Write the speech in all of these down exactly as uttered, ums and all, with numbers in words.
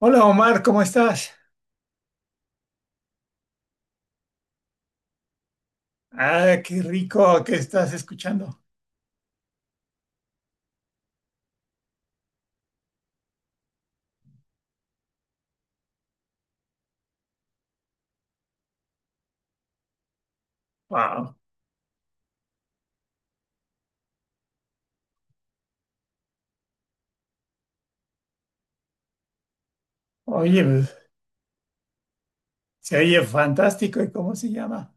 Hola Omar, ¿cómo estás? Ah, qué rico que estás escuchando. Wow. Oye, pues, se oye fantástico. ¿Y cómo se llama?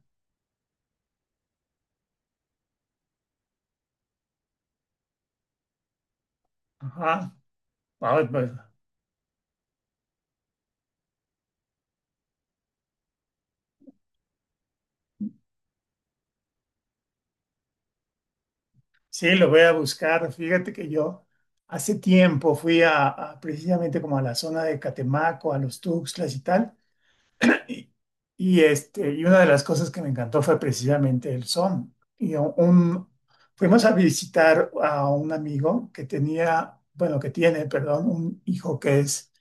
Ajá. Wow, pues, sí, lo voy a buscar. Fíjate que yo hace tiempo fui a, a precisamente como a la zona de Catemaco, a los Tuxtlas y tal. Y, y, este, y una de las cosas que me encantó fue precisamente el son. Y un, un- fuimos a visitar a un amigo que tenía, bueno, que tiene, perdón, un hijo que es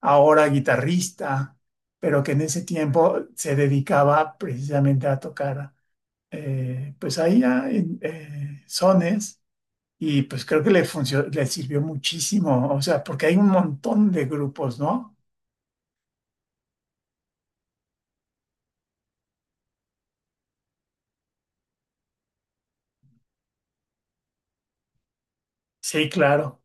ahora guitarrista, pero que en ese tiempo se dedicaba precisamente a tocar, eh, pues ahí a- en, eh, sones, y pues creo que le funcionó le sirvió muchísimo, o sea, porque hay un montón de grupos, ¿no? Sí, claro.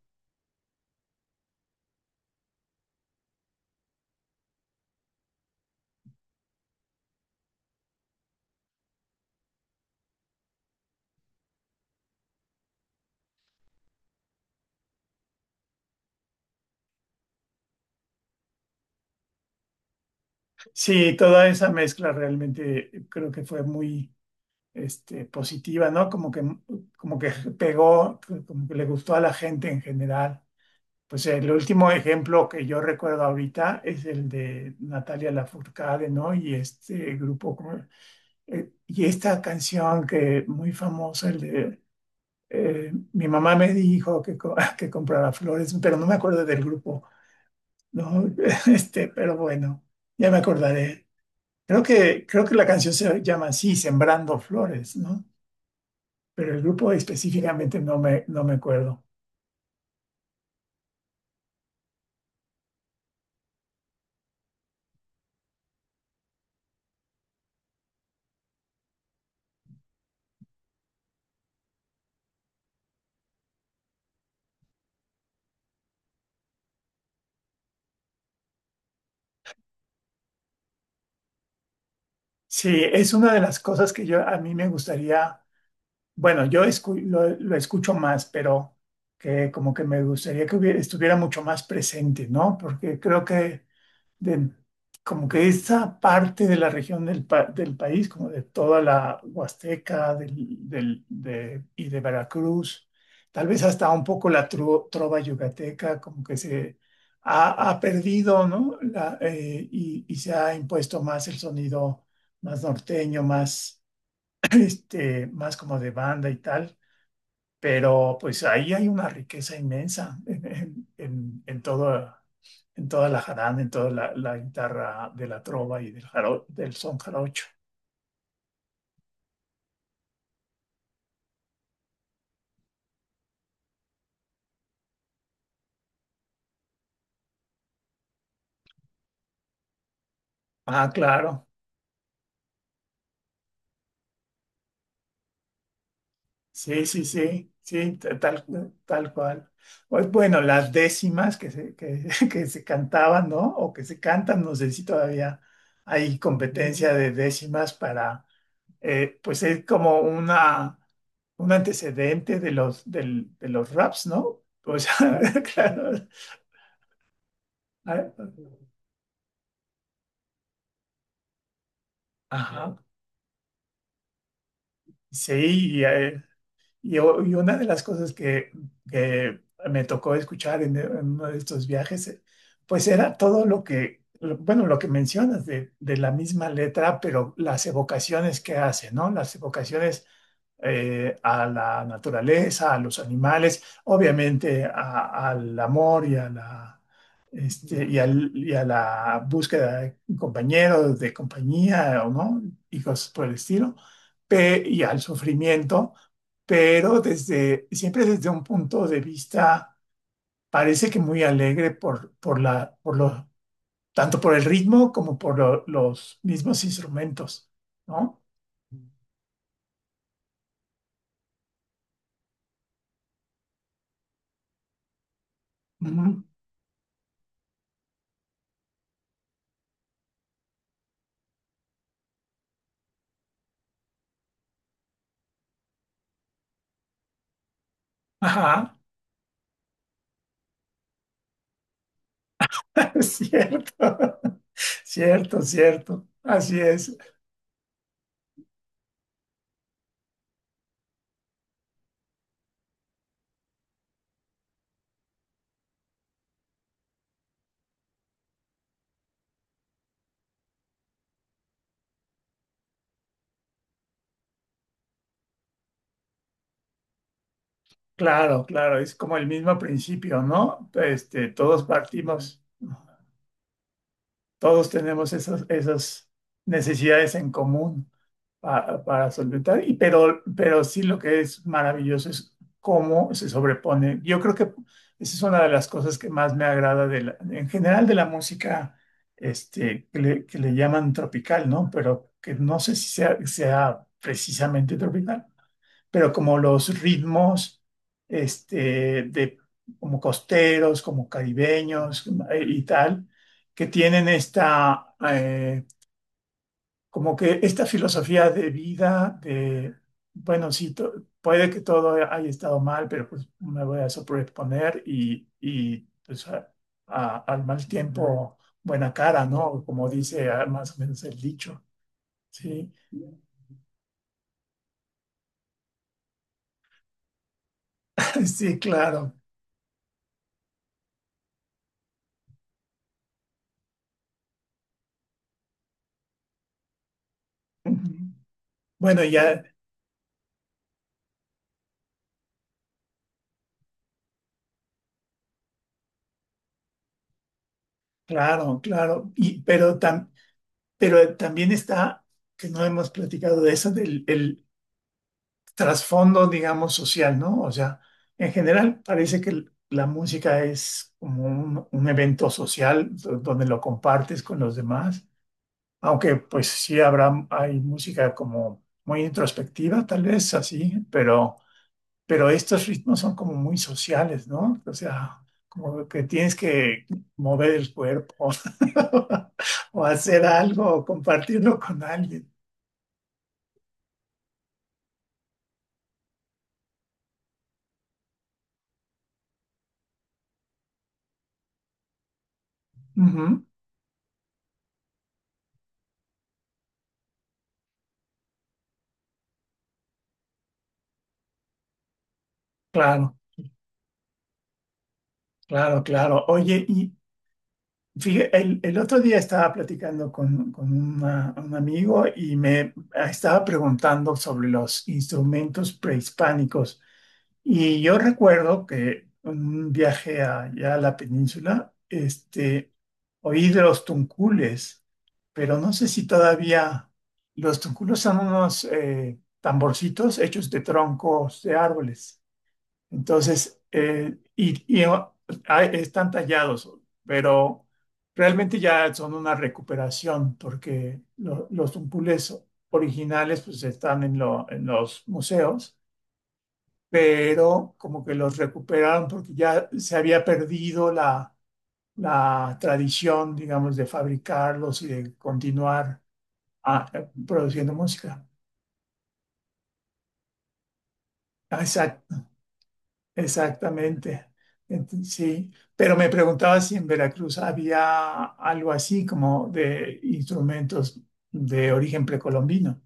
Sí, toda esa mezcla realmente creo que fue muy, este, positiva, ¿no? Como que, como que pegó, como que le gustó a la gente en general. Pues el último ejemplo que yo recuerdo ahorita es el de Natalia Lafourcade, ¿no? Y este grupo, ¿cómo? Eh, y esta canción que muy famosa, el de, eh, mi mamá me dijo que, co- que comprara flores, pero no me acuerdo del grupo, ¿no? Este, pero bueno, ya me acordaré. Creo que, creo que la canción se llama así, Sembrando Flores, ¿no? Pero el grupo específicamente no me, no me acuerdo. Sí, es una de las cosas que yo a mí me gustaría. Bueno, yo escu- lo, lo escucho más, pero que como que me gustaría que hubiera- estuviera mucho más presente, ¿no? Porque creo que de- como que esta parte de la región del, pa- del país, como de toda la Huasteca del, del- de- y de Veracruz, tal vez hasta un poco la tru- trova yucateca, como que se ha, ha perdido, ¿no? La, eh, y, y se ha impuesto más el sonido más norteño, más, este, más como de banda y tal, pero pues ahí hay una riqueza inmensa en, en, en, en todo- en toda la jarana, en toda la, la guitarra de la trova y del, jaro- del son jarocho. Ah, claro. Sí, sí, sí, sí, t- tal, tal cual. Pues bueno, las décimas que se, que, que se cantaban, ¿no? O que se cantan, no sé si todavía hay competencia de décimas para, eh, pues es como una, un antecedente de los, del- de los raps, ¿no? O sea, claro. Ah, ajá, sí, y, eh, y o- y una de las cosas que, que me tocó escuchar en, en uno de estos viajes, eh, pues era todo lo que, lo- bueno, lo que mencionas de, de la misma letra, pero las evocaciones que hace, ¿no? Las evocaciones eh, a la naturaleza, a los animales, obviamente a- al amor y a la, este, y al- y a la búsqueda de compañeros, de compañía, ¿o ¿no? Y cosas por el estilo, pe- y al sufrimiento, pero desde, siempre desde un punto de vista, parece que muy alegre por, por la, por lo, tanto por el ritmo como por lo- los mismos instrumentos, ¿no? Ujú. Ajá. Cierto, cierto, cierto. Así es. Claro, claro, es como el mismo principio, ¿no? Este, todos partimos. Todos tenemos esas, esas necesidades en común pa- para solventar, y, pero, pero sí lo que es maravilloso es cómo se sobrepone. Yo creo que esa es una de las cosas que más me agrada de la- en general de la música, este, que le, que le llaman tropical, ¿no? Pero que no sé si sea, sea precisamente tropical, pero como los ritmos, este, de, como costeros, como caribeños, eh, y tal, que tienen esta, eh, como que esta filosofía de vida de, bueno, sí, to- puede que todo haya estado mal, pero pues me voy a sobreponer y, y pues a- a- al mal tiempo, buena cara, ¿no? Como dice ah, más o menos el dicho, ¿sí? Sí, claro. Ujú. Bueno, ya. Claro, claro. Y, pero, tam- pero también está, que no hemos platicado de eso, del el trasfondo, digamos, social, ¿no? O sea, en general parece que l- la música es como un, un evento social do- donde lo compartes con los demás, aunque pues sí habrá, hay música como muy introspectiva, tal vez así, pero pero estos ritmos son como muy sociales, ¿no? O sea, como que tienes que mover el cuerpo o hacer algo o compartirlo con alguien. Ujú. Claro, claro, claro. Oye, y fíjate, el, el otro día estaba platicando con, con una- un amigo y me estaba preguntando sobre los instrumentos prehispánicos. Y yo recuerdo que en un viaje allá a la península, este, oí de los tuncules, pero no sé si todavía los tunculos son unos eh, tamborcitos hechos de troncos de árboles. Entonces, eh, y, y oh, hay- están tallados, pero realmente ya son una recuperación porque lo- los tuncules originales pues están en, lo- en los museos, pero como que los recuperaron porque ya se había perdido la, la tradición, digamos, de fabricarlos y de continuar ah, eh, produciendo música. Ah, exacto, exactamente. Ent- sí, pero me preguntaba si en Veracruz había algo así como de instrumentos de origen precolombino.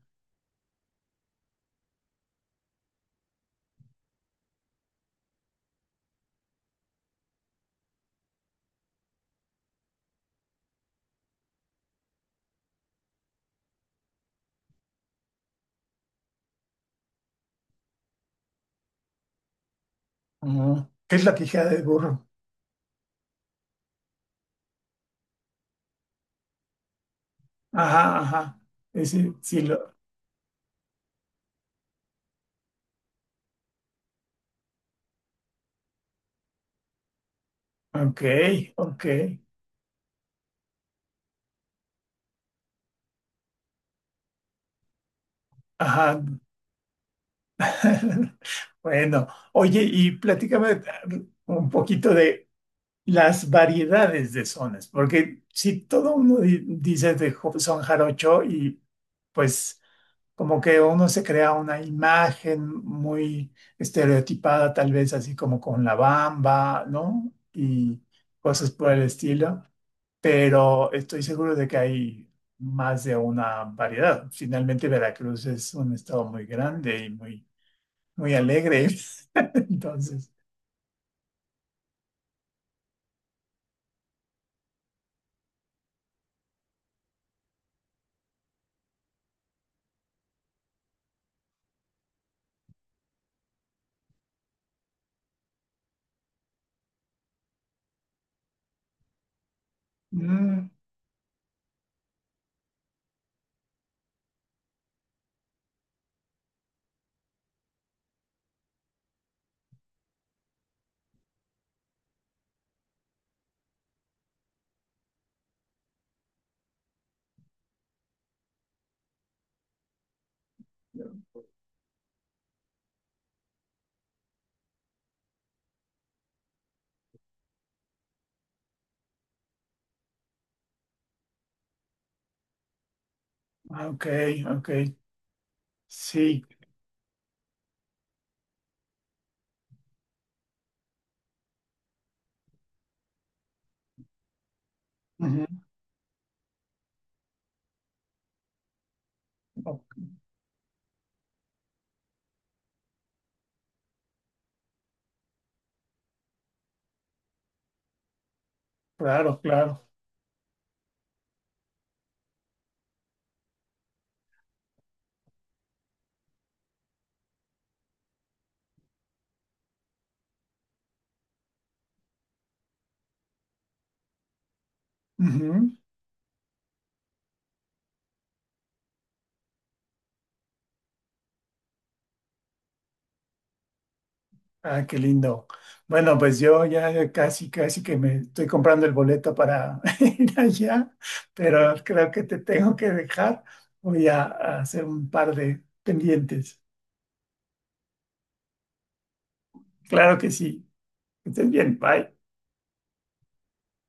Ujú. ¿Qué es la quijada de burro? Ajá, ajá. Ese, sí, lo... Ok, ok. Ajá. Bueno, oye, y platícame un poquito de las variedades de sones, porque si todo uno di- dice de jo- son jarocho y pues... como que uno se crea una imagen muy estereotipada, tal vez así como con la bamba, ¿no? Y cosas por el estilo, pero estoy seguro de que hay más de una variedad. Finalmente, Veracruz es un estado muy grande y muy, muy alegre. Entonces, mm, ok, ok, sí, ujú, o- claro, claro. Ujú. Ah, qué lindo. Bueno, pues yo ya casi, casi que me estoy comprando el boleto para ir allá, pero creo que te tengo que dejar. Voy a, a hacer un par de pendientes. Claro que sí. Que estés bien. Bye.